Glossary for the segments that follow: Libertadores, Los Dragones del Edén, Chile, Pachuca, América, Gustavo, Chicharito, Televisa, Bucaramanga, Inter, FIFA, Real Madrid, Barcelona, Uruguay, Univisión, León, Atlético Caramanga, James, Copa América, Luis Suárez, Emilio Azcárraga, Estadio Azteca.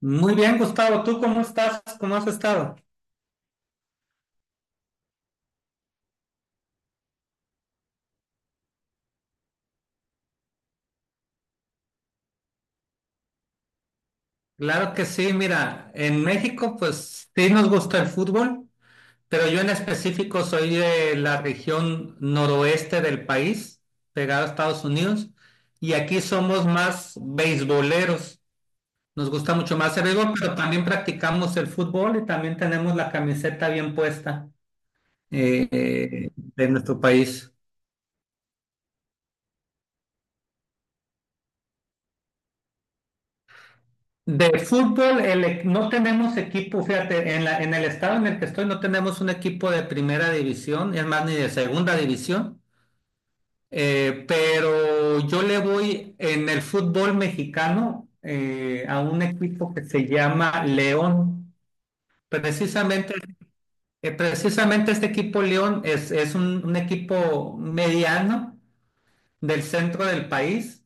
Muy bien, Gustavo, ¿tú cómo estás? ¿Cómo has estado? Claro que sí, mira, en México pues sí nos gusta el fútbol, pero yo en específico soy de la región noroeste del país, pegado a Estados Unidos, y aquí somos más beisboleros. Nos gusta mucho más el béisbol, pero también practicamos el fútbol y también tenemos la camiseta bien puesta de nuestro país. De fútbol, no tenemos equipo, fíjate, en el estado en el que estoy no tenemos un equipo de primera división, es más, ni de segunda división, pero yo le voy en el fútbol mexicano a un equipo que se llama León. Precisamente, precisamente, este equipo León es un equipo mediano del centro del país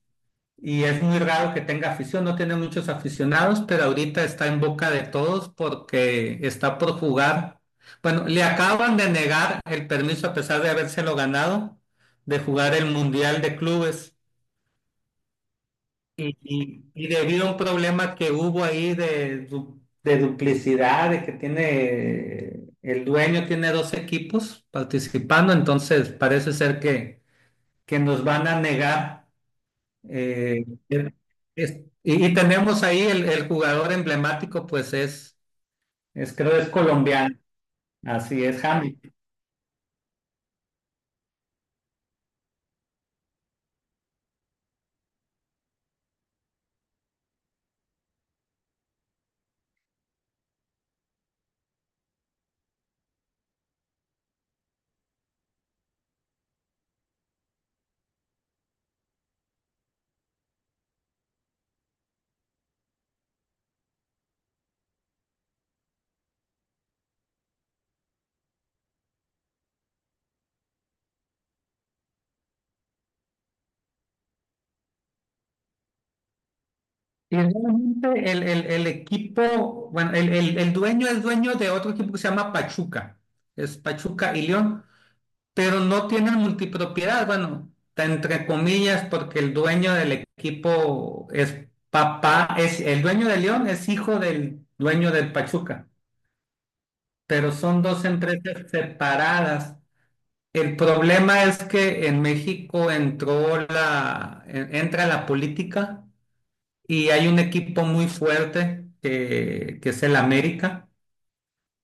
y es muy raro que tenga afición, no tiene muchos aficionados, pero ahorita está en boca de todos porque está por jugar. Bueno, le acaban de negar el permiso, a pesar de habérselo ganado, de jugar el Mundial de Clubes. Y debido a un problema que hubo ahí de duplicidad, el dueño tiene dos equipos participando, entonces parece ser que nos van a negar. Eh, el- y tenemos ahí el jugador emblemático, pues creo es colombiano, así es, James. Y realmente el equipo, bueno, el dueño es dueño de otro equipo que se llama Pachuca, es Pachuca y León, pero no tienen multipropiedad, bueno, entre comillas, porque el dueño del equipo es el dueño de León, es hijo del dueño del Pachuca, pero son dos empresas separadas. El problema es que en México entra la política y hay un equipo muy fuerte que es el América,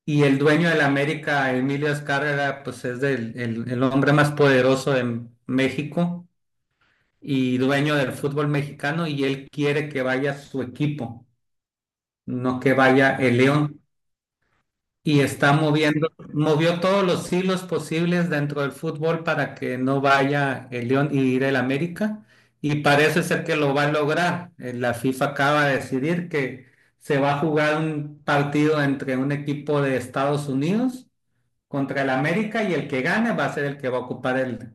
y el dueño del América, Emilio Azcárraga, pues es el hombre más poderoso de México y dueño del fútbol mexicano, y él quiere que vaya su equipo, no que vaya el León. Y movió todos los hilos posibles dentro del fútbol para que no vaya el León y ir el América. Y parece ser que lo va a lograr. La FIFA acaba de decidir que se va a jugar un partido entre un equipo de Estados Unidos contra el América, y el que gane va a ser el que va a ocupar el,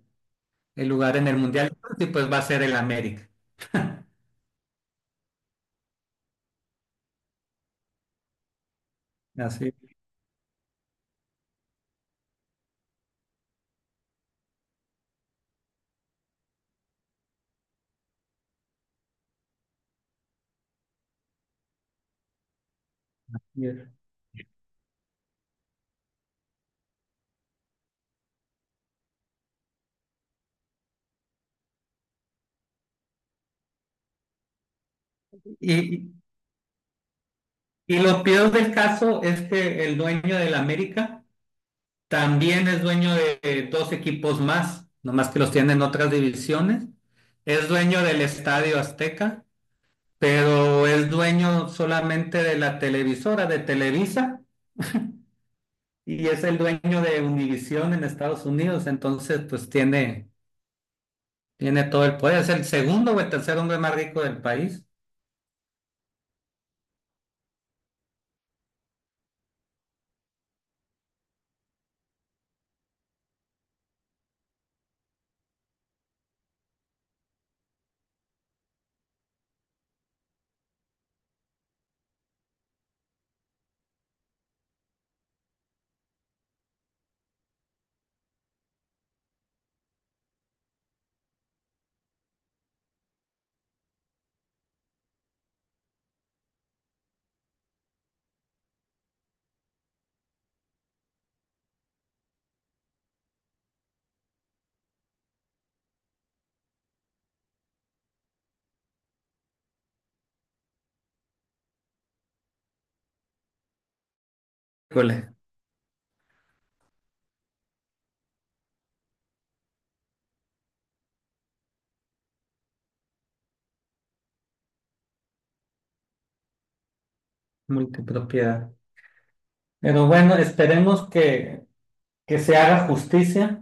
el lugar en el Mundial, y pues va a ser el América. Así es. Y, y y lo peor del caso es que el dueño del América también es dueño de dos equipos más, nomás que los tiene en otras divisiones. Es dueño del Estadio Azteca, pero es dueño solamente de la televisora de Televisa, y es el dueño de Univisión en Estados Unidos. Entonces, pues tiene todo el poder. Es el segundo o el tercer hombre más rico del país. Híjole, multipropiedad. Pero bueno, esperemos que, se haga justicia.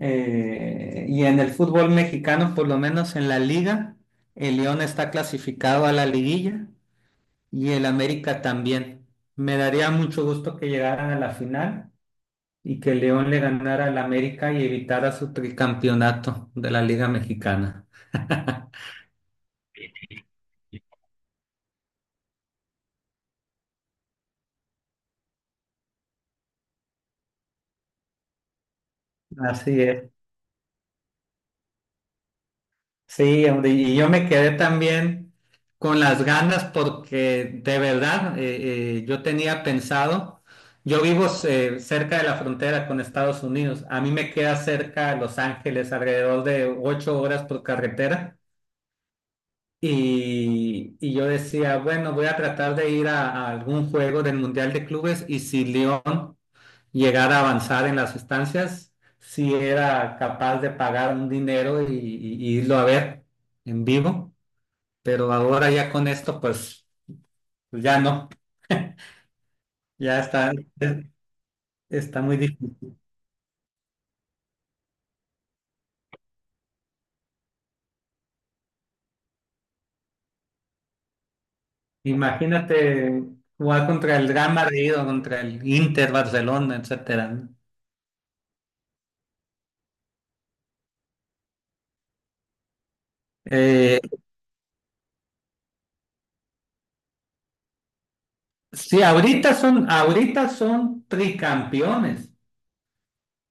Y en el fútbol mexicano, por lo menos en la liga, el León está clasificado a la liguilla y el América también. Me daría mucho gusto que llegaran a la final y que el León le ganara al América y evitara su tricampeonato de la Liga Mexicana. Así es. Sí, hombre, y yo me quedé también con las ganas porque de verdad yo tenía pensado, yo vivo cerca de la frontera con Estados Unidos. A mí me queda cerca de Los Ángeles, alrededor de 8 horas por carretera, y yo decía, bueno, voy a tratar de ir a algún juego del Mundial de Clubes, y si León llegara a avanzar en las estancias, si era capaz de pagar un dinero y irlo a ver en vivo. Pero ahora ya con esto, pues pues ya no, ya está, es- está muy difícil. Imagínate jugar contra el Real Madrid o contra el Inter, Barcelona, etcétera, ¿no? Eh, sí, ahorita son tricampeones.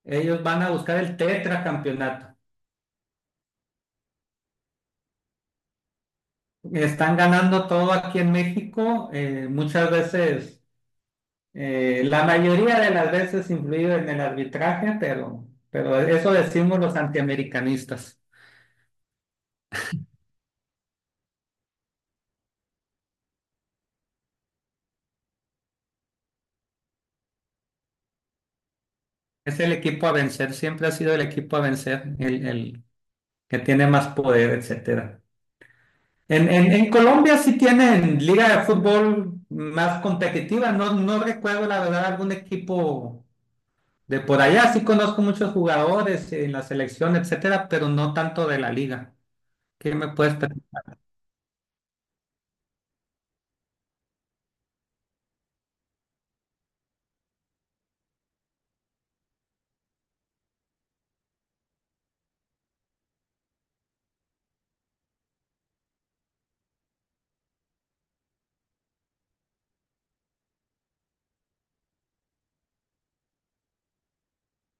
Ellos van a buscar el tetracampeonato. Están ganando todo aquí en México, muchas veces, la mayoría de las veces, influido en el arbitraje, pero, eso decimos los antiamericanistas. Es el equipo a vencer, siempre ha sido el equipo a vencer, el que tiene más poder, etcétera. En Colombia sí tienen liga de fútbol más competitiva. No recuerdo la verdad algún equipo de por allá, sí conozco muchos jugadores en la selección, etcétera, pero no tanto de la liga. ¿Qué me puedes platicar?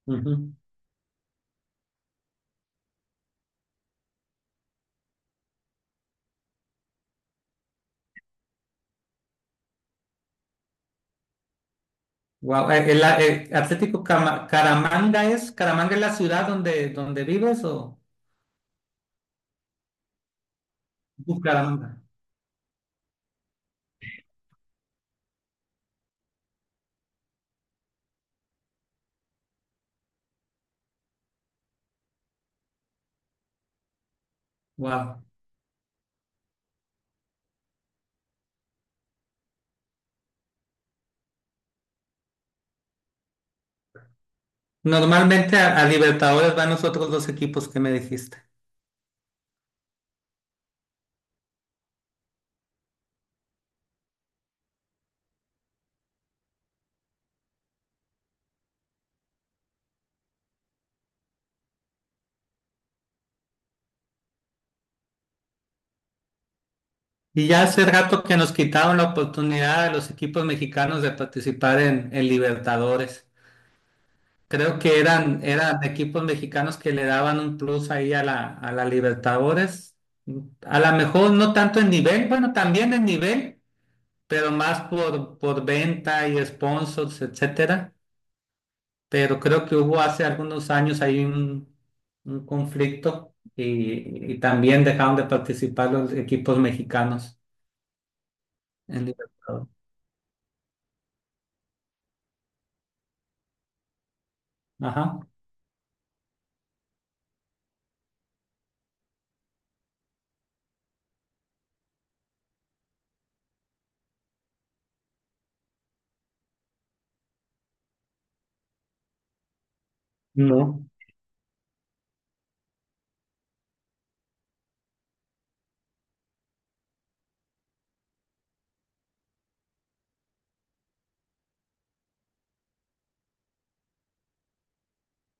Ujú. Guau, Atlético Caramanga Caramanga es la ciudad donde vives, o... Bucaramanga. Wow. Normalmente a Libertadores van los otros dos equipos que me dijiste. Y ya hace rato que nos quitaron la oportunidad a los equipos mexicanos de participar en Libertadores. Creo que eran equipos mexicanos que le daban un plus ahí a la Libertadores. A lo mejor no tanto en nivel, bueno, también en nivel, pero más por venta y sponsors, etcétera, pero creo que hubo hace algunos años ahí un conflicto, y también dejaron de participar los equipos mexicanos en Libertadores. Ajá. No.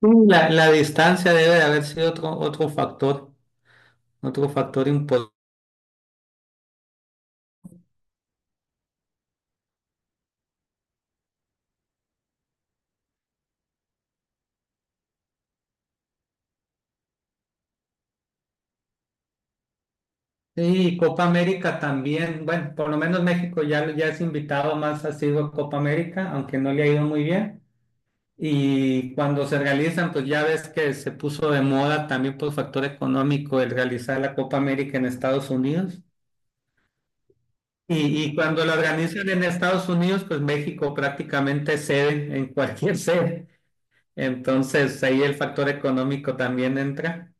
La distancia debe de haber sido otro factor importante. Y Copa América también, bueno, por lo menos México ya es invitado más asiduo a Copa América, aunque no le ha ido muy bien. Y cuando se realizan, pues ya ves que se puso de moda también por factor económico el realizar la Copa América en Estados Unidos. Y cuando lo organizan en Estados Unidos, pues México prácticamente cede en cualquier sede. Entonces ahí el factor económico también entra.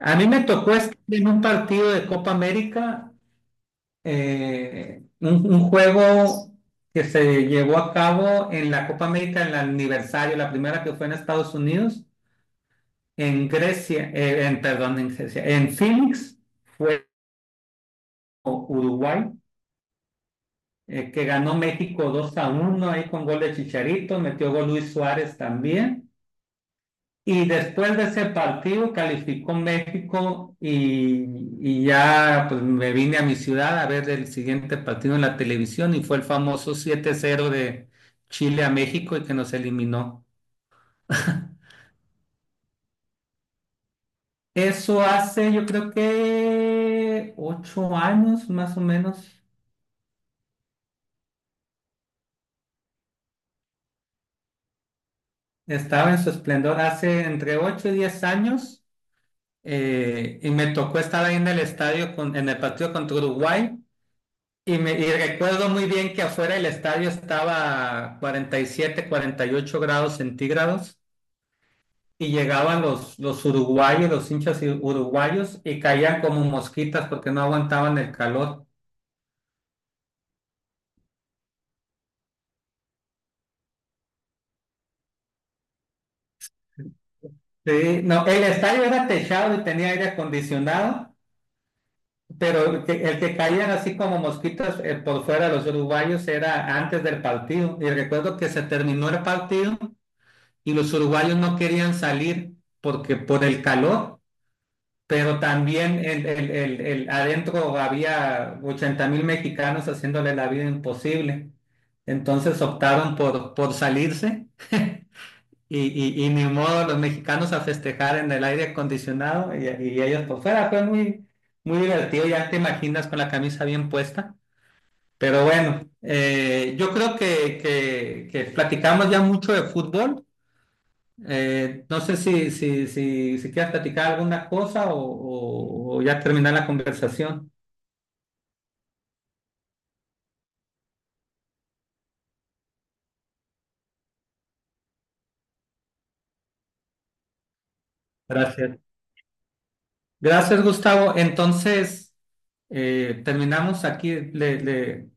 A mí me tocó estar en un partido de Copa América, un juego que se llevó a cabo en la Copa América, en el aniversario, la primera que fue en Estados Unidos. En Grecia, perdón, en Grecia, en Phoenix, fue Uruguay, que ganó México 2-1 ahí con gol de Chicharito, metió gol Luis Suárez también. Y después de ese partido calificó México, y ya pues me vine a mi ciudad a ver el siguiente partido en la televisión, y fue el famoso 7-0 de Chile a México y que nos eliminó. Eso hace yo creo que 8 años más o menos. Estaba en su esplendor hace entre 8 y 10 años, y me tocó estar ahí en el estadio, en el partido contra Uruguay, y recuerdo muy bien que afuera del estadio estaba 47 48 grados centígrados, y llegaban los, uruguayos, los hinchas uruguayos, y caían como mosquitas porque no aguantaban el calor. Sí, no, el estadio era techado y tenía aire acondicionado. Pero el que caían así como mosquitas por fuera los uruguayos, era antes del partido. Y recuerdo que se terminó el partido y los uruguayos no querían salir porque por el calor, pero también adentro había 80.000 mexicanos haciéndole la vida imposible. Entonces optaron por salirse y ni modo, los mexicanos a festejar en el aire acondicionado y ellos por fuera. Fue muy, muy divertido, ya te imaginas con la camisa bien puesta. Pero bueno, yo creo que platicamos ya mucho de fútbol. No sé si quieres platicar alguna cosa o ya terminar la conversación. Gracias. Gracias, Gustavo. Entonces, terminamos aquí.